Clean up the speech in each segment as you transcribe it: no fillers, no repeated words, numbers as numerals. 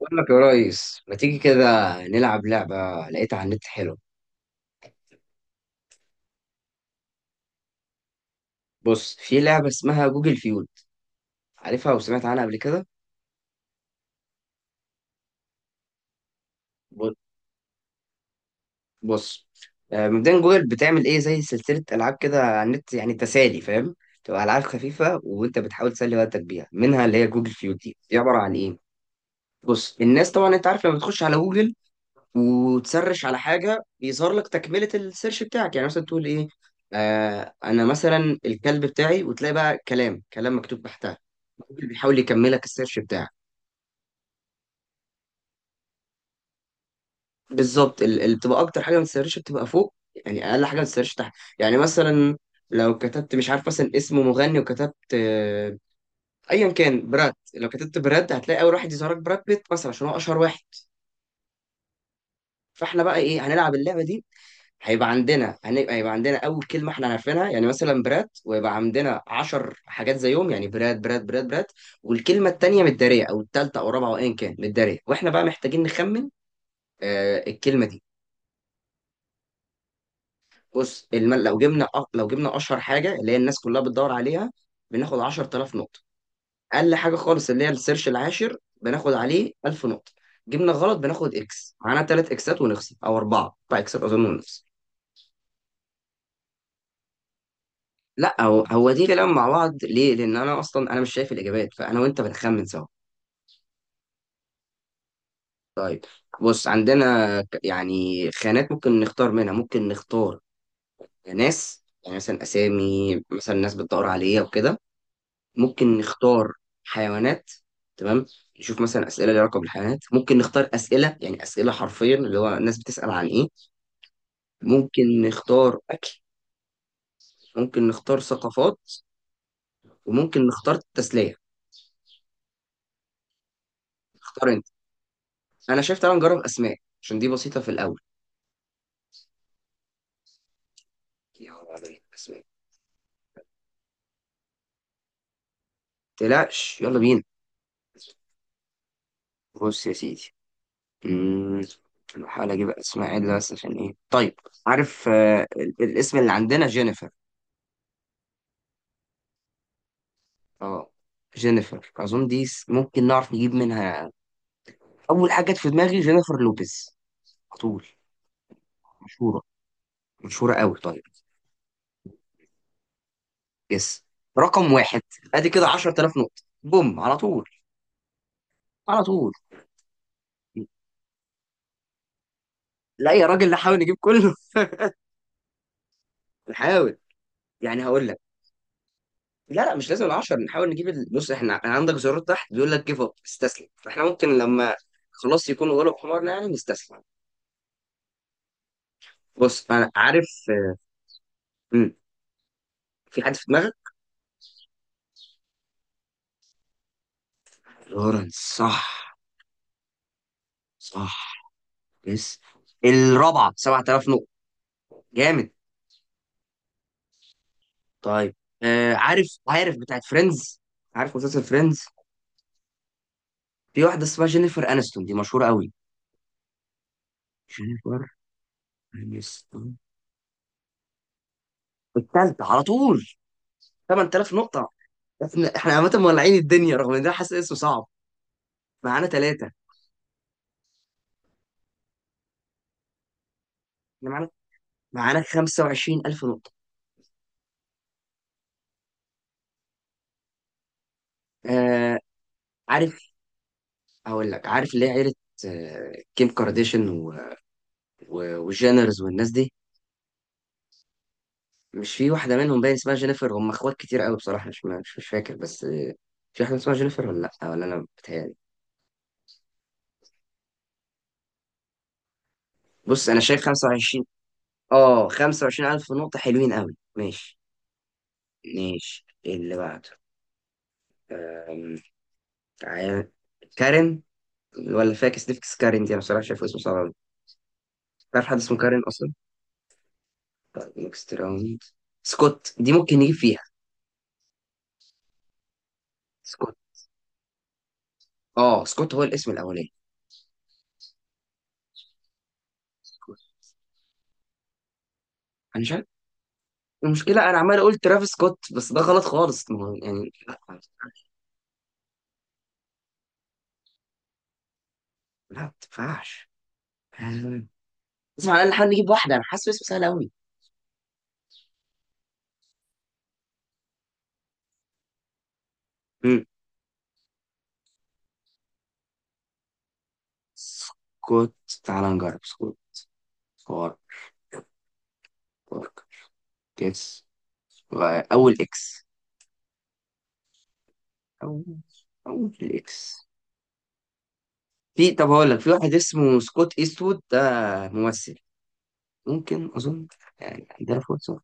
بقول لك يا ريس، ما تيجي كده نلعب لعبة؟ لقيتها على النت، حلوة. بص، في لعبة اسمها جوجل فيول. عارفها وسمعت عنها قبل كده؟ ب- بص. مبدئيا جوجل بتعمل ايه زي سلسلة ألعاب كده على النت، يعني تسالي، فاهم؟ تبقى ألعاب خفيفة وانت بتحاول تسلي وقتك بيها، منها اللي هي جوجل فيول. دي عبارة عن ايه؟ بص، الناس طبعا انت عارف لما بتخش على جوجل وتسرش على حاجة، بيظهر لك تكملة السيرش بتاعك، يعني مثلا تقول ايه. آه، انا مثلا الكلب بتاعي، وتلاقي بقى كلام، كلام مكتوب تحتها، اللي بيحاول يكملك السيرش بتاعك. بالظبط، اللي بتبقى اكتر حاجه ما تسيرش بتبقى فوق، يعني اقل حاجه ما تسيرش تحت. يعني مثلا، لو كتبت، مش عارف، مثلا اسم مغني، وكتبت ايا كان براد، لو كتبت براد هتلاقي اول واحد يظهرك براد بيت مثلا، عشان هو اشهر واحد. فاحنا بقى ايه، هنلعب اللعبه دي. هيبقى عندنا هيبقى عندنا اول كلمه احنا عارفينها، يعني مثلا براد، ويبقى عندنا 10 حاجات زيهم، يعني براد براد براد براد، والكلمه التانيه متداريه، او التالته او الرابعه او ايا كان متداريه، واحنا بقى محتاجين نخمن الكلمه دي. بص، لو جبنا لو جبنا اشهر حاجه، اللي هي الناس كلها بتدور عليها، بناخد 10000 نقطه. اقل حاجه خالص، اللي هي السيرش العاشر، بناخد عليه 1000 نقطه. جبنا غلط، بناخد اكس، معانا ثلاث اكسات ونخسر، او اربعه، اربع اكسات اظن، ونخسر. لا، هو دي كلام مع بعض، ليه؟ لان انا اصلا، انا مش شايف الاجابات، فانا وانت بنخمن سوا. طيب، بص عندنا يعني خانات ممكن نختار منها، ممكن نختار ناس، يعني مثلا اسامي، مثلا ناس بتدور عليها وكده. ممكن نختار حيوانات. تمام. نشوف مثلا اسئله ليها علاقه بالحيوانات. ممكن نختار اسئله، يعني اسئله حرفيا، اللي هو الناس بتسال عن ايه. ممكن نختار اكل. ممكن نختار ثقافات. وممكن نختار تسليه. اختار انت. انا شايف تعالى نجرب اسماء، عشان دي بسيطه في الاول. يلا بينا اسماء. تقلقش، يلا بينا. بص يا سيدي، أمم، بحاول اجيب اسماء عدله، بس عشان ايه، طيب؟ عارف الاسم اللي عندنا جينيفر. اه، جينيفر اظن دي ممكن نعرف نجيب منها. اول حاجه جت في دماغي جينيفر لوبيز، على طول. مشهوره، مشهوره قوي طيب. يس. رقم واحد. ادي كده 10000 نقطه، بوم على طول. على طول. لا يا راجل، نحاول نجيب كله. نحاول. يعني هقول لك. لا لا، مش لازم العشر، نحاول نجيب بص احنا، أنا عندك زرار تحت بيقول لك جيف اب، استسلم، فاحنا ممكن لما خلاص يكون غلب حمارنا يعني، نستسلم. بص انا عارف. مم. في حد في دماغك؟ لورنس، صح. صح. يس. الرابعه، 7000 نقطه، جامد. طيب، عارف، عارف بتاعت فريندز؟ عارف مسلسل فريندز؟ في واحدة اسمها جينيفر انستون، دي مشهورة قوي. جينيفر انستون. التالتة على طول. 8000 نقطة. احنا عامة مولعين الدنيا، رغم ان ده حاسس اسمه صعب. معانا ثلاثة. احنا معانا، 25000 نقطة. آه عارف، هقول لك، عارف اللي هي عيلة آه كيم كارديشن و... و... وجينرز والناس دي، مش في واحدة منهم باين اسمها جينيفر؟ هم اخوات كتير قوي بصراحة. مش فاكر، بس في واحدة اسمها جينيفر، ولا لا، ولا انا بتهيألي. بص انا شايف 25، اه 25 الف نقطة، حلوين قوي. ماشي ماشي، إيه اللي بعده؟ أم... تعال. كارين، ولا فاكس نفكس، كارين دي انا بصراحة شايف اسمه صعب قوي. تعرف حد اسمه كارين اصلا؟ طيب، نكست راوند. سكوت دي ممكن نجيب فيها. سكوت. اه، سكوت هو الاسم الاولاني. سكوت. انا مش عارف. المشكلة انا عمال اقول ترافيس سكوت، بس ده غلط خالص. ما هو يعني لا، لا ما تنفعش. لازم على الاقل نحاول نجيب واحدة، انا حاسس اسمه سهل قوي. مم. سكوت. تعال نجرب سكوت فار، بارك، كيس. اول اكس. اول اول اكس. في، طب هقول لك في واحد اسمه سكوت ايستوود، ده ممثل ممكن، اظن. يعني عندنا فرصه.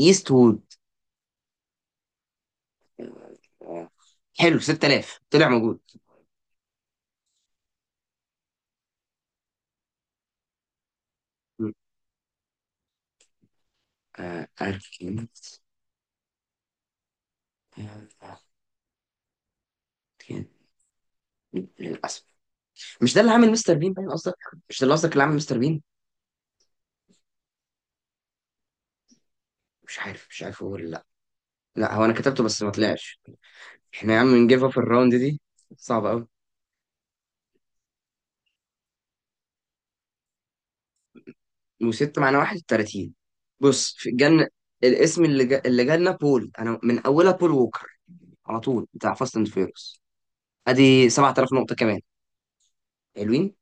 ايستوود. آه، حلو، 6000، طلع موجود. أركنت. آه، أركنت. للأسف. مش ده اللي عامل مستر بين، باين قصدك. مش ده اللي قصدك اللي عامل مستر بين. مش عارف، مش عارف هو ولا لا. لا، هو انا كتبته بس ما طلعش. احنا يا عم نجيب اب الراوند دي، صعبه قوي. وستة معناه واحد وتلاتين. بص، في الجنة الاسم اللي جالنا بول. انا من اولها بول ووكر، على طول، بتاع فاست اند فيروس. ادي 7000 نقطة كمان، حلوين.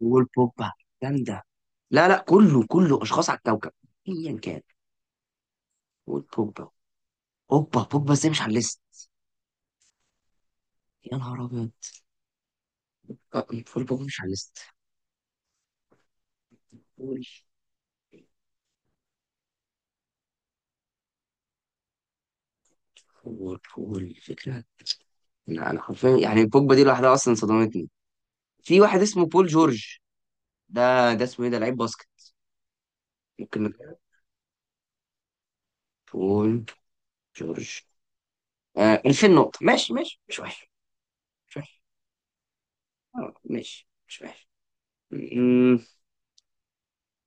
والبوبا، جامدة. لا لا، كله كله اشخاص على الكوكب. ايا كان. والبوبا. اوبا، بوبا ازاي مش على الليست؟ يا نهار ابيض. آه، والبوبا مش على الليست. قول، قول قول الفكرة. لا انا حرفيا يعني البوجبا دي لوحدها اصلا صدمتني. في واحد اسمه بول جورج. ده اسمه ايه؟ ده لعيب باسكت. ممكن. بول جورج. 2000 نقطة، ماشي ماشي مش وحش. مش وحش. ماشي، مش وحش. م-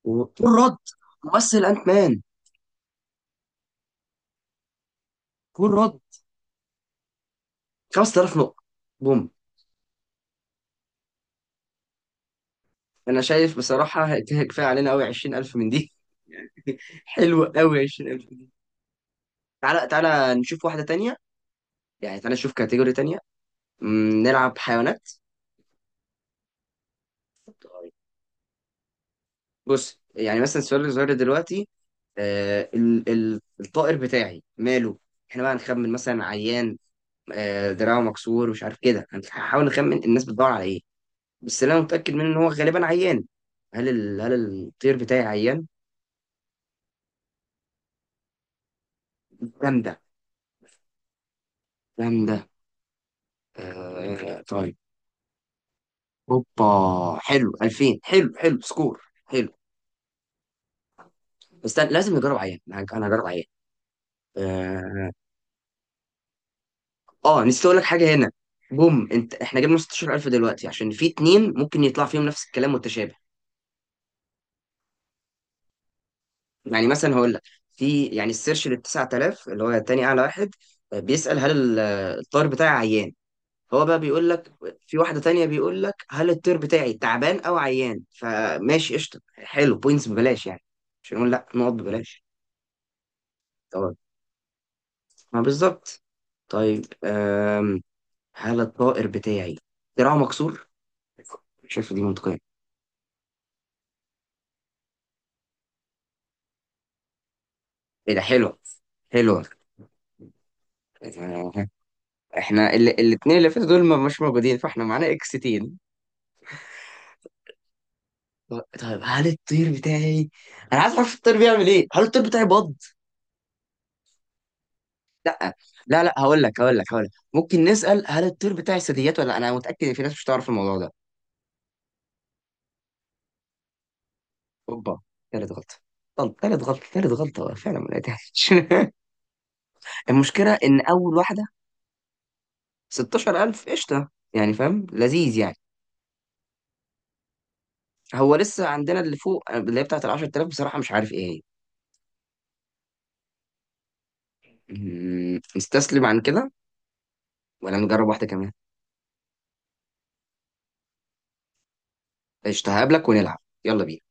كول رد، ممثل أنت مان. كول رد. 5000 نقطة، بوم. أنا شايف بصراحة كده كفاية علينا أوي، 20000 من دي. حلوة أوي، 20000. تعالى تعالى نشوف واحدة تانية، يعني تعالى نشوف كاتيجوري تانية. م، نلعب حيوانات. بص يعني مثلا، السؤال اللي ظهر دلوقتي، الطائر بتاعي ماله. احنا بقى نخمن مثلا عيان، دراعه مكسور ومش عارف كده. هنحاول نخمن الناس بتدور على ايه، بس اللي انا متاكد منه ان هو غالبا عيان. هل هل الطير بتاعي عيان. جامده جامده. آه طيب. اوبا، حلو، 2000، حلو حلو سكور. حلو. بس أنا لازم نجرب عيان، أنا هجرب عيان. اه. نسيت اقول لك حاجه هنا. بوم انت، احنا جبنا 16000 دلوقتي، عشان في اتنين ممكن يطلع فيهم نفس الكلام متشابه. يعني مثلا هقول لك، في يعني السيرش لل 9000، اللي هو تاني اعلى واحد، بيسأل هل ال- الطير بتاعي عيان. هو بقى بيقول لك، في واحدة تانية بيقول لك هل الطير بتاعي تعبان او عيان. فماشي قشطة، حلو، بوينتس ببلاش يعني، مش هنقول لا، نقط ببلاش. طبعا. ما بالظبط. طيب، هل الطائر بتاعي دراعه مكسور. شايف دي منطقية. ايه ده، حلوة. حلوة. آه، احنا الاتنين اللي فاتوا دول مش موجودين، فاحنا معانا اكس تين. طيب، هل الطير بتاعي، انا عايز اعرف الطير بيعمل ايه، هل الطير بتاعي بط؟ لا. لا لا، هقول لك ممكن نسأل هل الطير بتاعي ثدييات ولا لأ؟ انا متأكد ان في ناس مش هتعرف الموضوع ده. اوبا، تالت غلطة. طب، تالت غلطة، تالت غلطة فعلا ما لقيتهاش. المشكلة ان اول واحدة، 16000 قشطة يعني، فاهم؟ لذيذ يعني. هو لسه عندنا اللي فوق اللي هي بتاعت ال 10000، بصراحة مش عارف ايه هي. نستسلم عن كده، ولا نجرب واحدة كمان؟ قشطة، هقابلك ونلعب. يلا بينا.